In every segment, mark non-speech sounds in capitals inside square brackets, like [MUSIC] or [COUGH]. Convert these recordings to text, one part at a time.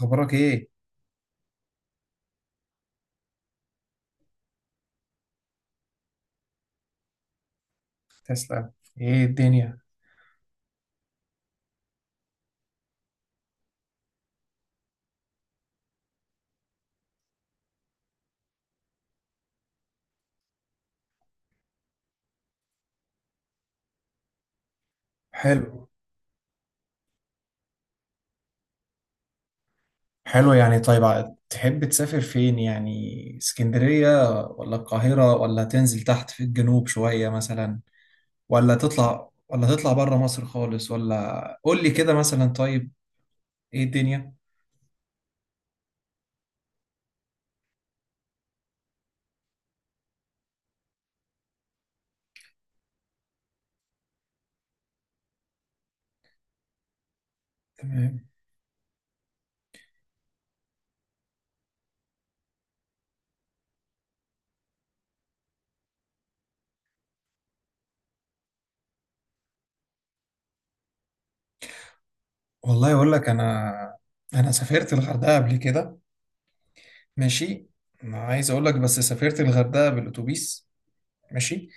أخبارك إيه؟ تسلم. إيه الدنيا؟ حلو. حلو يعني. طيب تحب تسافر فين؟ يعني اسكندرية ولا القاهرة ولا تنزل تحت في الجنوب شوية مثلا، ولا تطلع، ولا تطلع بره مصر خالص؟ ولا قول لي كده مثلا. طيب إيه الدنيا؟ تمام. والله اقول لك انا سافرت الغردقه قبل كده. ماشي. ما عايز اقول لك، بس سافرت الغردقه بالاتوبيس. ماشي.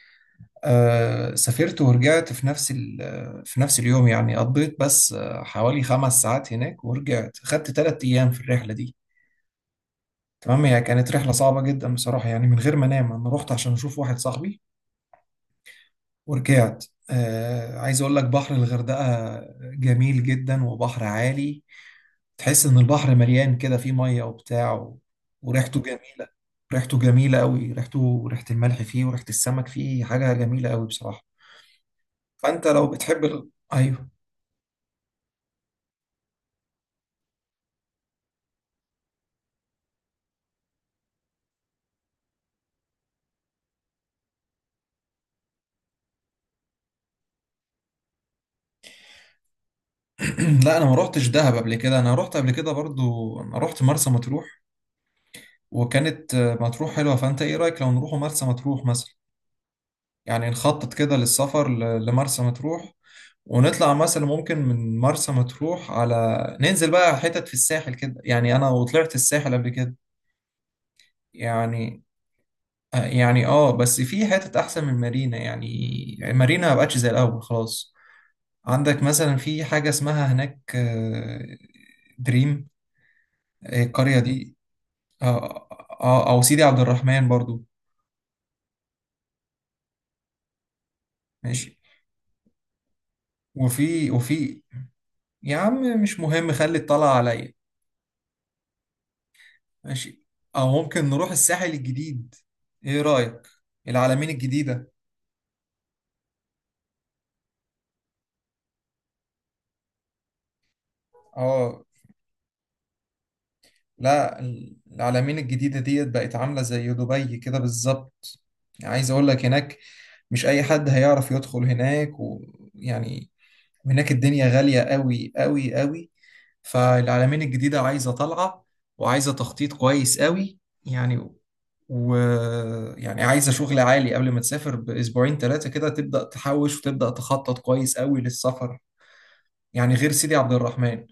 آه سافرت ورجعت في نفس في نفس اليوم، يعني قضيت بس حوالي 5 ساعات هناك ورجعت. خدت 3 ايام في الرحله دي. تمام. هي كانت رحله صعبه جدا بصراحه، يعني من غير ما انام انا رحت عشان اشوف واحد صاحبي ورجعت. آه عايز اقول لك، بحر الغردقه جميل جدا وبحر عالي، تحس ان البحر مليان كده، فيه ميه وبتاع وريحته جميله. ريحته جميله قوي، ريحته ريحه الملح فيه وريحه السمك فيه، حاجه جميله قوي بصراحه. فانت لو بتحب ايوه. [CLEARS THROAT] لا انا ما روحتش دهب قبل كده، انا روحت قبل كده برضو، انا روحت مرسى مطروح، وكانت مطروح حلوه. فانت ايه رايك لو نروح مرسى مطروح مثلا؟ يعني نخطط كده للسفر لمرسى مطروح، ونطلع مثلا ممكن من مرسى مطروح على، ننزل بقى حتت في الساحل كده، يعني انا وطلعت الساحل قبل كده. يعني يعني بس في حتت احسن من مارينا يعني، يعني مارينا ما بقتش زي الاول خلاص. عندك مثلا في حاجه اسمها هناك، دريم، القريه دي. او سيدي عبد الرحمن برضو. ماشي. وفي، يا عم مش مهم، خلي الطلعه عليا. ماشي. او ممكن نروح الساحل الجديد، ايه رايك؟ العلمين الجديده. اه. لا العلمين الجديده ديت بقت عامله زي دبي كده بالظبط، عايز اقول لك. هناك مش اي حد هيعرف يدخل هناك ويعني، هناك الدنيا غالية قوي قوي قوي. فالعلمين الجديدة عايزة طلعة، وعايزة تخطيط كويس قوي يعني، ويعني عايزة شغل عالي قبل ما تسافر بأسبوعين 3 كده، تبدأ تحوش وتبدأ تخطط كويس قوي للسفر، يعني غير سيدي عبد الرحمن.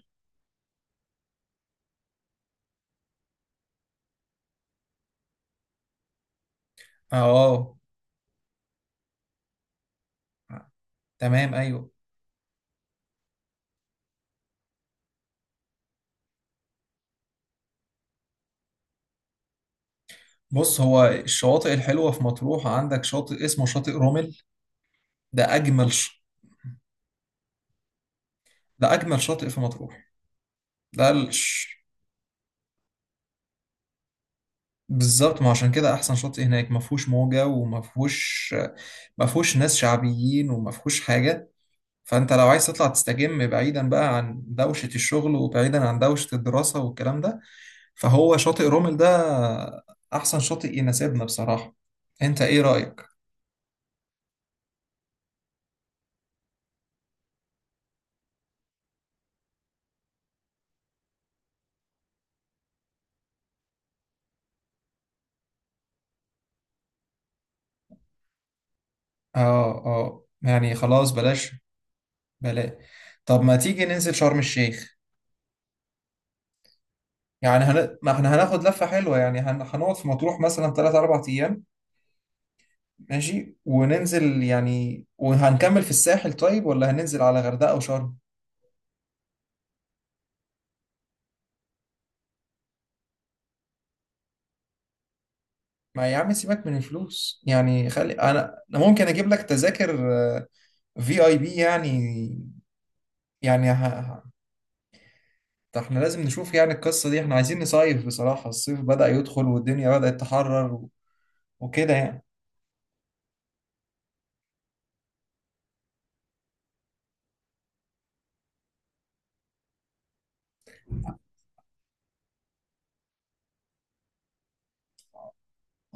اه آه، تمام ايوه. بص هو الشواطئ الحلوة في مطروح، عندك شاطئ اسمه شاطئ رومل، ده أجمل ده أجمل شاطئ في مطروح، ده بالظبط. ما عشان كده احسن شاطئ هناك، ما فيهوش موجه وما فيهوش، ما فيهوش ناس شعبيين وما فيهوش حاجه. فانت لو عايز تطلع تستجم بعيدا بقى عن دوشه الشغل وبعيدا عن دوشه الدراسه والكلام ده، فهو شاطئ رومل ده احسن شاطئ يناسبنا بصراحه. انت ايه رايك؟ اه اه يعني خلاص بلاش، بلاش. طب ما تيجي ننزل شرم الشيخ؟ يعني ما احنا هناخد لفه حلوه، يعني هنقعد في مطروح مثلا 3 4 ايام. ماشي. وننزل يعني وهنكمل في الساحل، طيب ولا هننزل على غردقة وشرم؟ ما يا عم سيبك من الفلوس يعني، خلي انا، انا ممكن اجيب لك تذاكر في اي بي يعني، يعني ده احنا لازم نشوف يعني القصة دي، احنا عايزين نصيف بصراحة، الصيف بدأ يدخل والدنيا بدأت تحرر وكده يعني.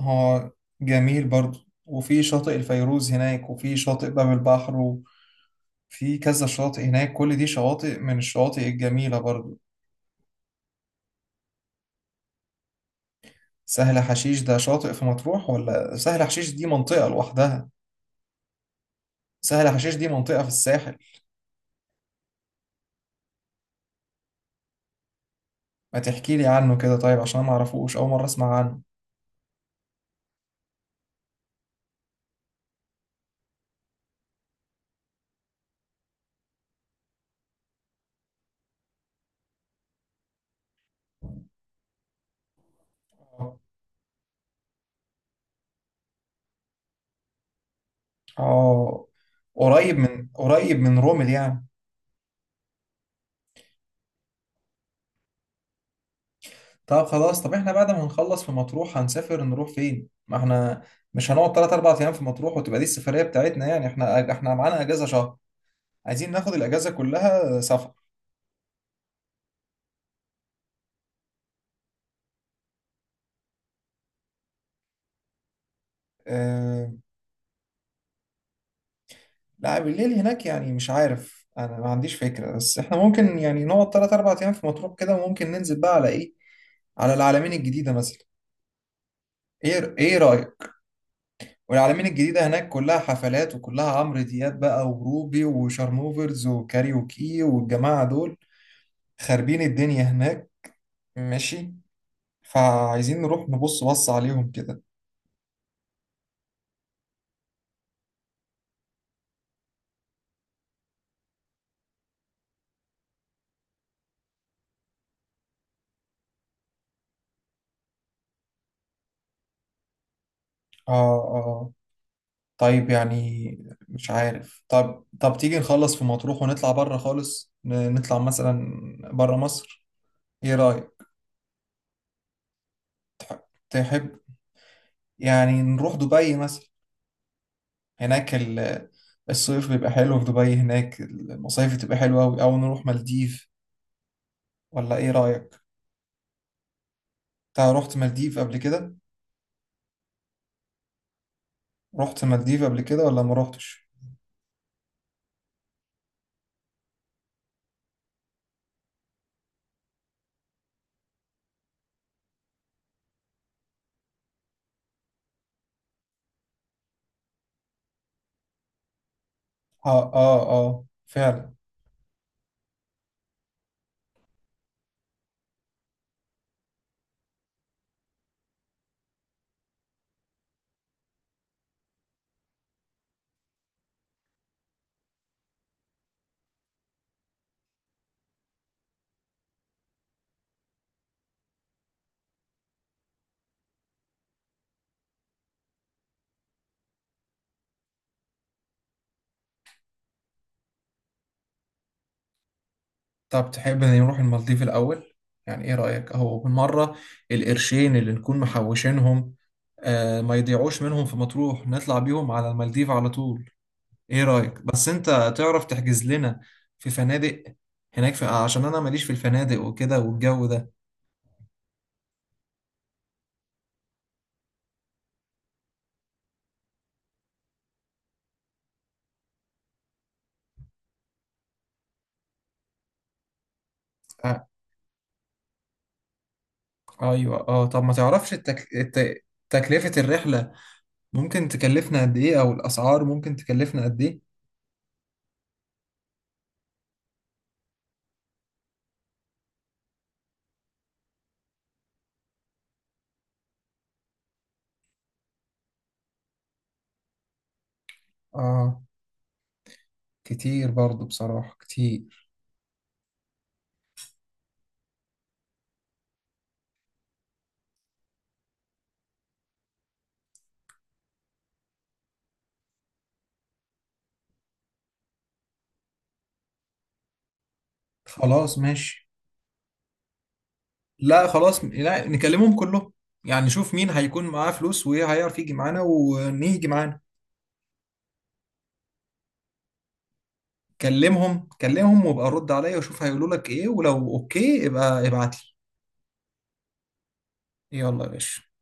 هو جميل برضو، وفي شاطئ الفيروز هناك، وفي شاطئ باب البحر، وفي كذا شاطئ هناك، كل دي شواطئ من الشواطئ الجميلة برضو. سهل حشيش ده شاطئ في مطروح، ولا سهل حشيش دي منطقة لوحدها؟ سهل حشيش دي منطقة في الساحل. ما تحكي لي عنه كده طيب، عشان ما اعرفوش، اول مرة اسمع عنه. اه قريب من رومل يعني. طب خلاص، احنا بعد ما نخلص في مطروح هنسافر نروح فين؟ ما احنا مش هنقعد 3 4 ايام في مطروح وتبقى دي السفرية بتاعتنا، يعني احنا معانا اجازة شهر، عايزين ناخد الاجازة كلها سفر. آه، لا بالليل هناك يعني مش عارف، انا ما عنديش فكرة، بس احنا ممكن يعني نقعد 3 4 ايام في مطروح كده، وممكن ننزل بقى على ايه، على العلمين الجديدة مثلا. ايه رأيك؟ والعلمين الجديدة هناك كلها حفلات وكلها عمرو دياب بقى وروبي وشارموفرز وكاريوكي والجماعة دول، خاربين الدنيا هناك. ماشي. فعايزين نروح نبص، بص عليهم كده. آه آه. طيب يعني مش عارف، طب تيجي نخلص في مطروح ونطلع بره خالص، نطلع مثلا بره مصر، ايه رأيك؟ تحب يعني نروح دبي مثلا؟ هناك الصيف بيبقى حلو في دبي، هناك المصايف بتبقى حلوة أوي، أو نروح مالديف، ولا ايه رأيك؟ انت رحت مالديف قبل كده؟ رحت مالديف قبل كده ولا ما رحتش؟ اه اه اه فعلا. طب تحب ان نروح المالديف الأول، يعني ايه رأيك، اهو بالمرة، القرشين اللي نكون محوشينهم، آه ما يضيعوش منهم في مطروح، نطلع بيهم على المالديف على طول. ايه رأيك؟ بس انت تعرف تحجز لنا في فنادق هناك في، عشان انا ماليش في الفنادق وكده والجو ده. آه ايوه اه. طب ما تعرفش تكلفة الرحلة، ممكن تكلفنا قد ايه، او الأسعار ممكن تكلفنا قد ايه؟ اه كتير برضو بصراحة، كتير. خلاص ماشي. لا خلاص، لا نكلمهم كلهم، يعني نشوف مين هيكون معاه فلوس وهيعرف يجي معانا، ونيجي معانا. كلمهم كلمهم، وابقى رد عليا وشوف هيقولوا لك ايه، ولو اوكي ابقى ابعت لي. يلا يا باشا.